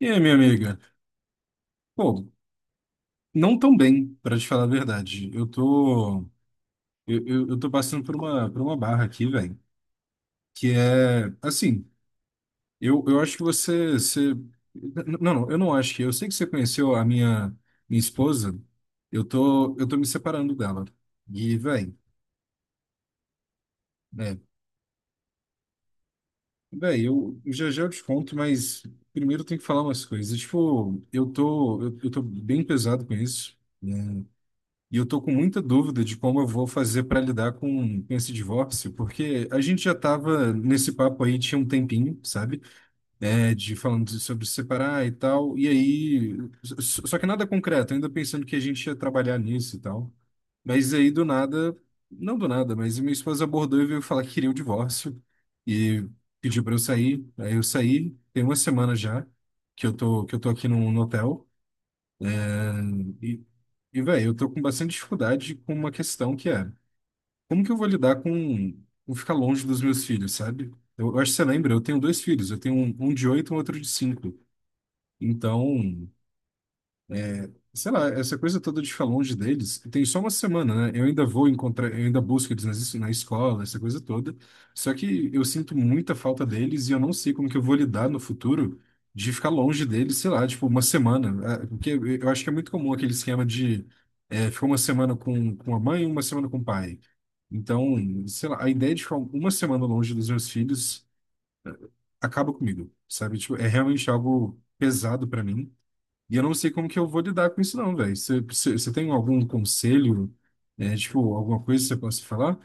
E aí, minha amiga? Pô, não tão bem, pra te falar a verdade. Eu tô passando por uma barra aqui, velho, que é, assim, eu acho que não, não, eu não acho que, eu sei que você conheceu a minha esposa. Eu tô me separando dela. E, velho, né, velho, eu já já eu te conto, mas primeiro eu tenho que falar umas coisas. Tipo, eu tô bem pesado com isso, né? E eu tô com muita dúvida de como eu vou fazer para lidar com esse divórcio, porque a gente já tava nesse papo aí tinha um tempinho, sabe? É, de falando sobre se separar e tal. E aí, só que nada concreto, ainda pensando que a gente ia trabalhar nisso e tal. Mas aí do nada, não do nada, mas minha esposa abordou e veio falar que queria o divórcio e pediu para eu sair. Aí eu saí, tem uma semana já que eu tô aqui num no hotel. E e, velho, eu tô com bastante dificuldade com uma questão que é como que eu vou lidar com ficar longe dos meus filhos, sabe? Eu acho que você lembra, eu tenho dois filhos, eu tenho um de oito e um outro de cinco. Então, sei lá, essa coisa toda de ficar longe deles, tem só uma semana, né? Eu ainda vou encontrar, eu ainda busco eles nas na escola, essa coisa toda. Só que eu sinto muita falta deles e eu não sei como que eu vou lidar no futuro de ficar longe deles, sei lá, tipo uma semana. Ah, porque eu acho que é muito comum aquele esquema de é, ficar uma semana com a mãe e uma semana com o pai. Então, sei lá, a ideia de ficar uma semana longe dos meus filhos acaba comigo, sabe? Tipo, é realmente algo pesado pra mim. E eu não sei como que eu vou lidar com isso, não, velho. Você tem algum conselho, né, tipo, alguma coisa que você possa falar?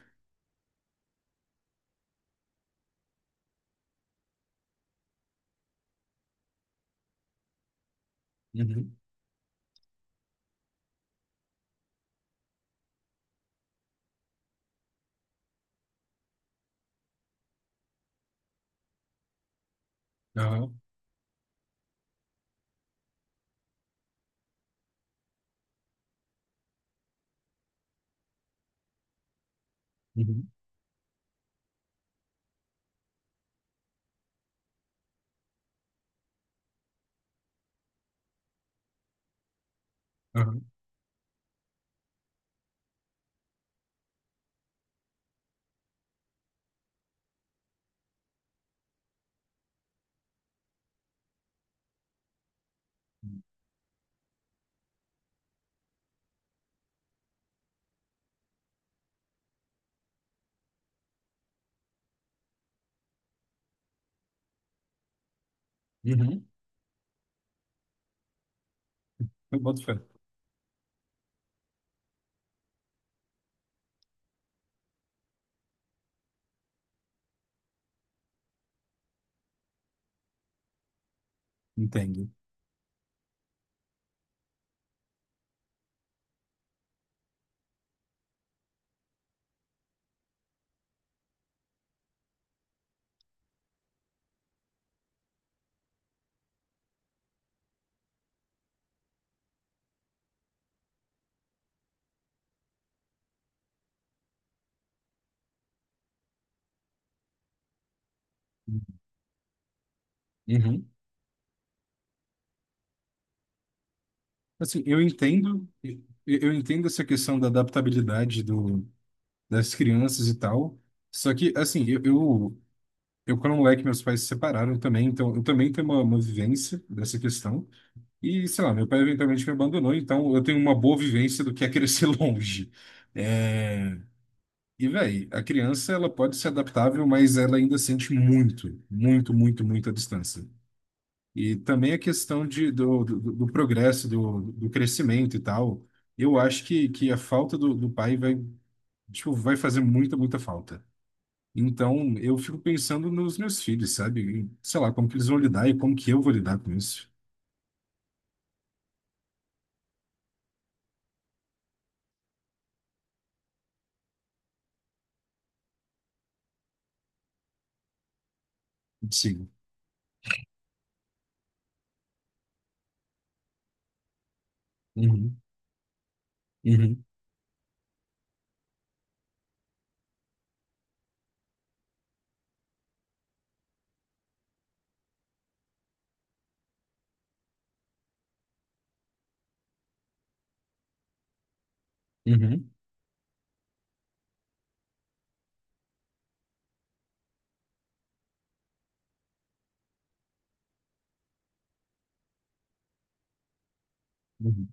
Uhum. Aham. Uhum. Aham. Uhum. Eu boto fé. Entendo. Uhum. Assim, eu entendo, eu entendo essa questão da adaptabilidade do, das crianças e tal. Só que, assim, eu quando moleque, meus pais se separaram também, então eu também tenho uma vivência dessa questão. E, sei lá, meu pai eventualmente me abandonou, então eu tenho uma boa vivência do que é crescer longe. É, e, velho, a criança, ela pode ser adaptável, mas ela ainda sente muito, muito, muito, muito a distância. E também a questão do progresso, do crescimento e tal, eu acho que a falta do pai vai, tipo, vai fazer muita, muita falta. Então, eu fico pensando nos meus filhos, sabe? E, sei lá, como que eles vão lidar e como que eu vou lidar com isso. Sim. Uhum, uhum, uhum. Uhum.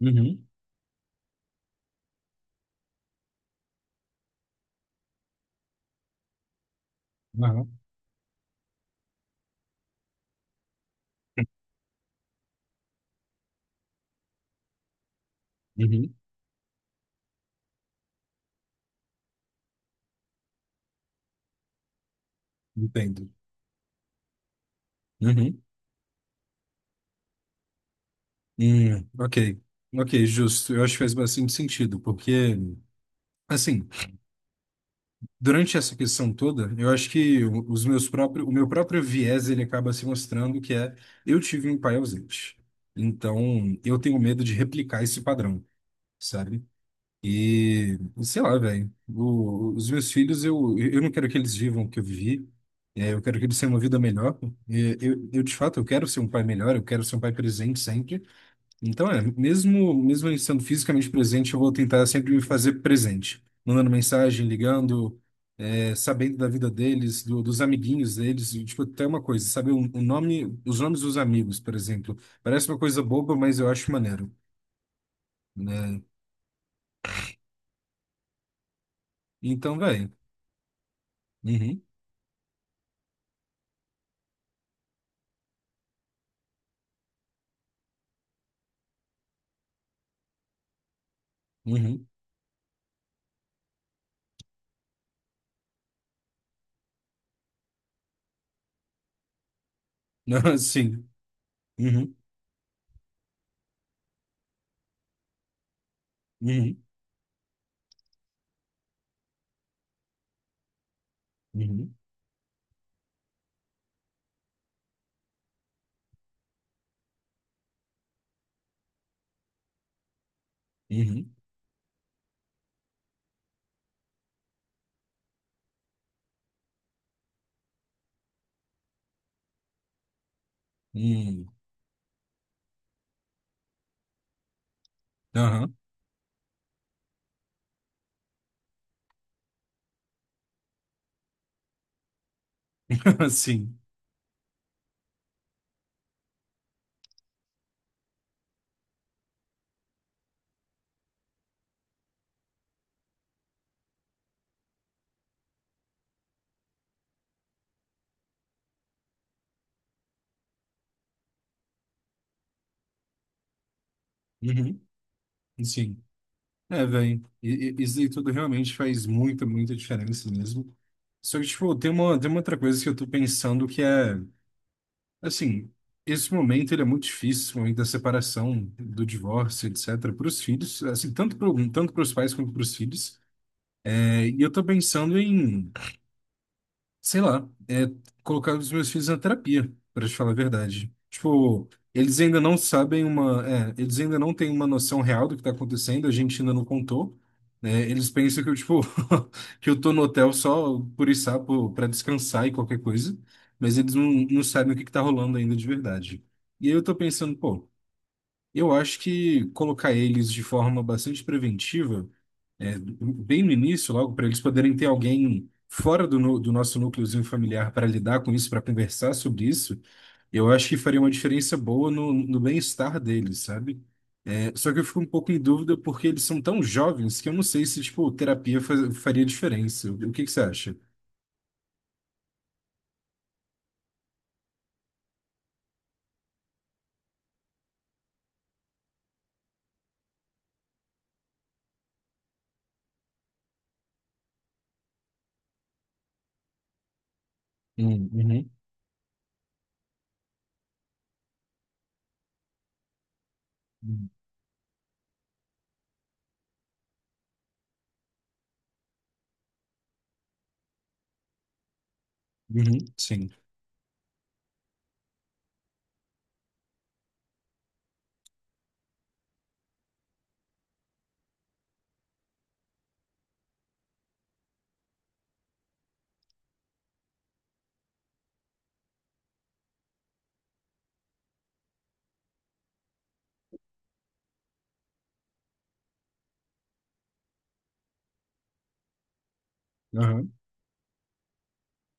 Uhum. Aham. Uhum. Entendo. Uhum. Ok. Ok, justo. Eu acho que faz bastante sentido, porque, assim, durante essa questão toda, eu acho que os meus próprios, o meu próprio viés, ele acaba se mostrando que é, eu tive um pai ausente. Então, eu tenho medo de replicar esse padrão, sabe? E sei lá, velho. Os meus filhos, eu não quero que eles vivam o que eu vivi. É, eu quero que eles tenham uma vida melhor. E eu, de fato, eu quero ser um pai melhor, eu quero ser um pai presente sempre. Então, é, mesmo eu estando fisicamente presente, eu vou tentar sempre me fazer presente. Mandando mensagem, ligando, é, sabendo da vida deles, dos amiguinhos deles. E, tipo, até uma coisa, sabe? Os nomes dos amigos, por exemplo. Parece uma coisa boba, mas eu acho maneiro, né? Então, velho. Uhum, uhum. Sim. Uhum. Uhum. Uhum. Uhum. Uhum. Aham. Sim. Uhum. Sim. É, velho. Isso aí tudo realmente faz muita, muita diferença mesmo. Só que, tipo, tem uma outra coisa que eu tô pensando que é, assim, esse momento ele é muito difícil, esse momento da separação, do divórcio, etc., para os filhos, assim, tanto para os pais quanto para os filhos. É, e eu tô pensando em sei lá, colocar os meus filhos na terapia, para te falar a verdade. Tipo, eles ainda não sabem eles ainda não têm uma noção real do que tá acontecendo, a gente ainda não contou, né? Eles pensam que eu, tipo, que eu tô no hotel só por sapo para descansar e qualquer coisa, mas eles não, não sabem o que que tá rolando ainda de verdade. E aí eu tô pensando, pô, eu acho que colocar eles de forma bastante preventiva é, bem no início, logo, para eles poderem ter alguém fora do nosso núcleozinho familiar para lidar com isso, para conversar sobre isso, eu acho que faria uma diferença boa no bem-estar deles, sabe? É, só que eu fico um pouco em dúvida porque eles são tão jovens que eu não sei se, tipo, terapia faria diferença. O que que você acha? Uhum, uhum, sim.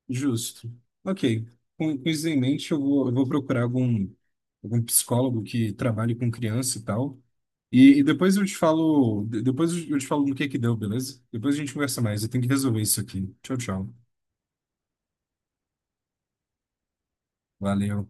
Justo. Ok. Com isso em mente, eu vou procurar algum psicólogo que trabalhe com criança e tal. E, depois eu te falo, no que deu, beleza? Depois a gente conversa mais. Eu tenho que resolver isso aqui. Tchau, tchau. Valeu.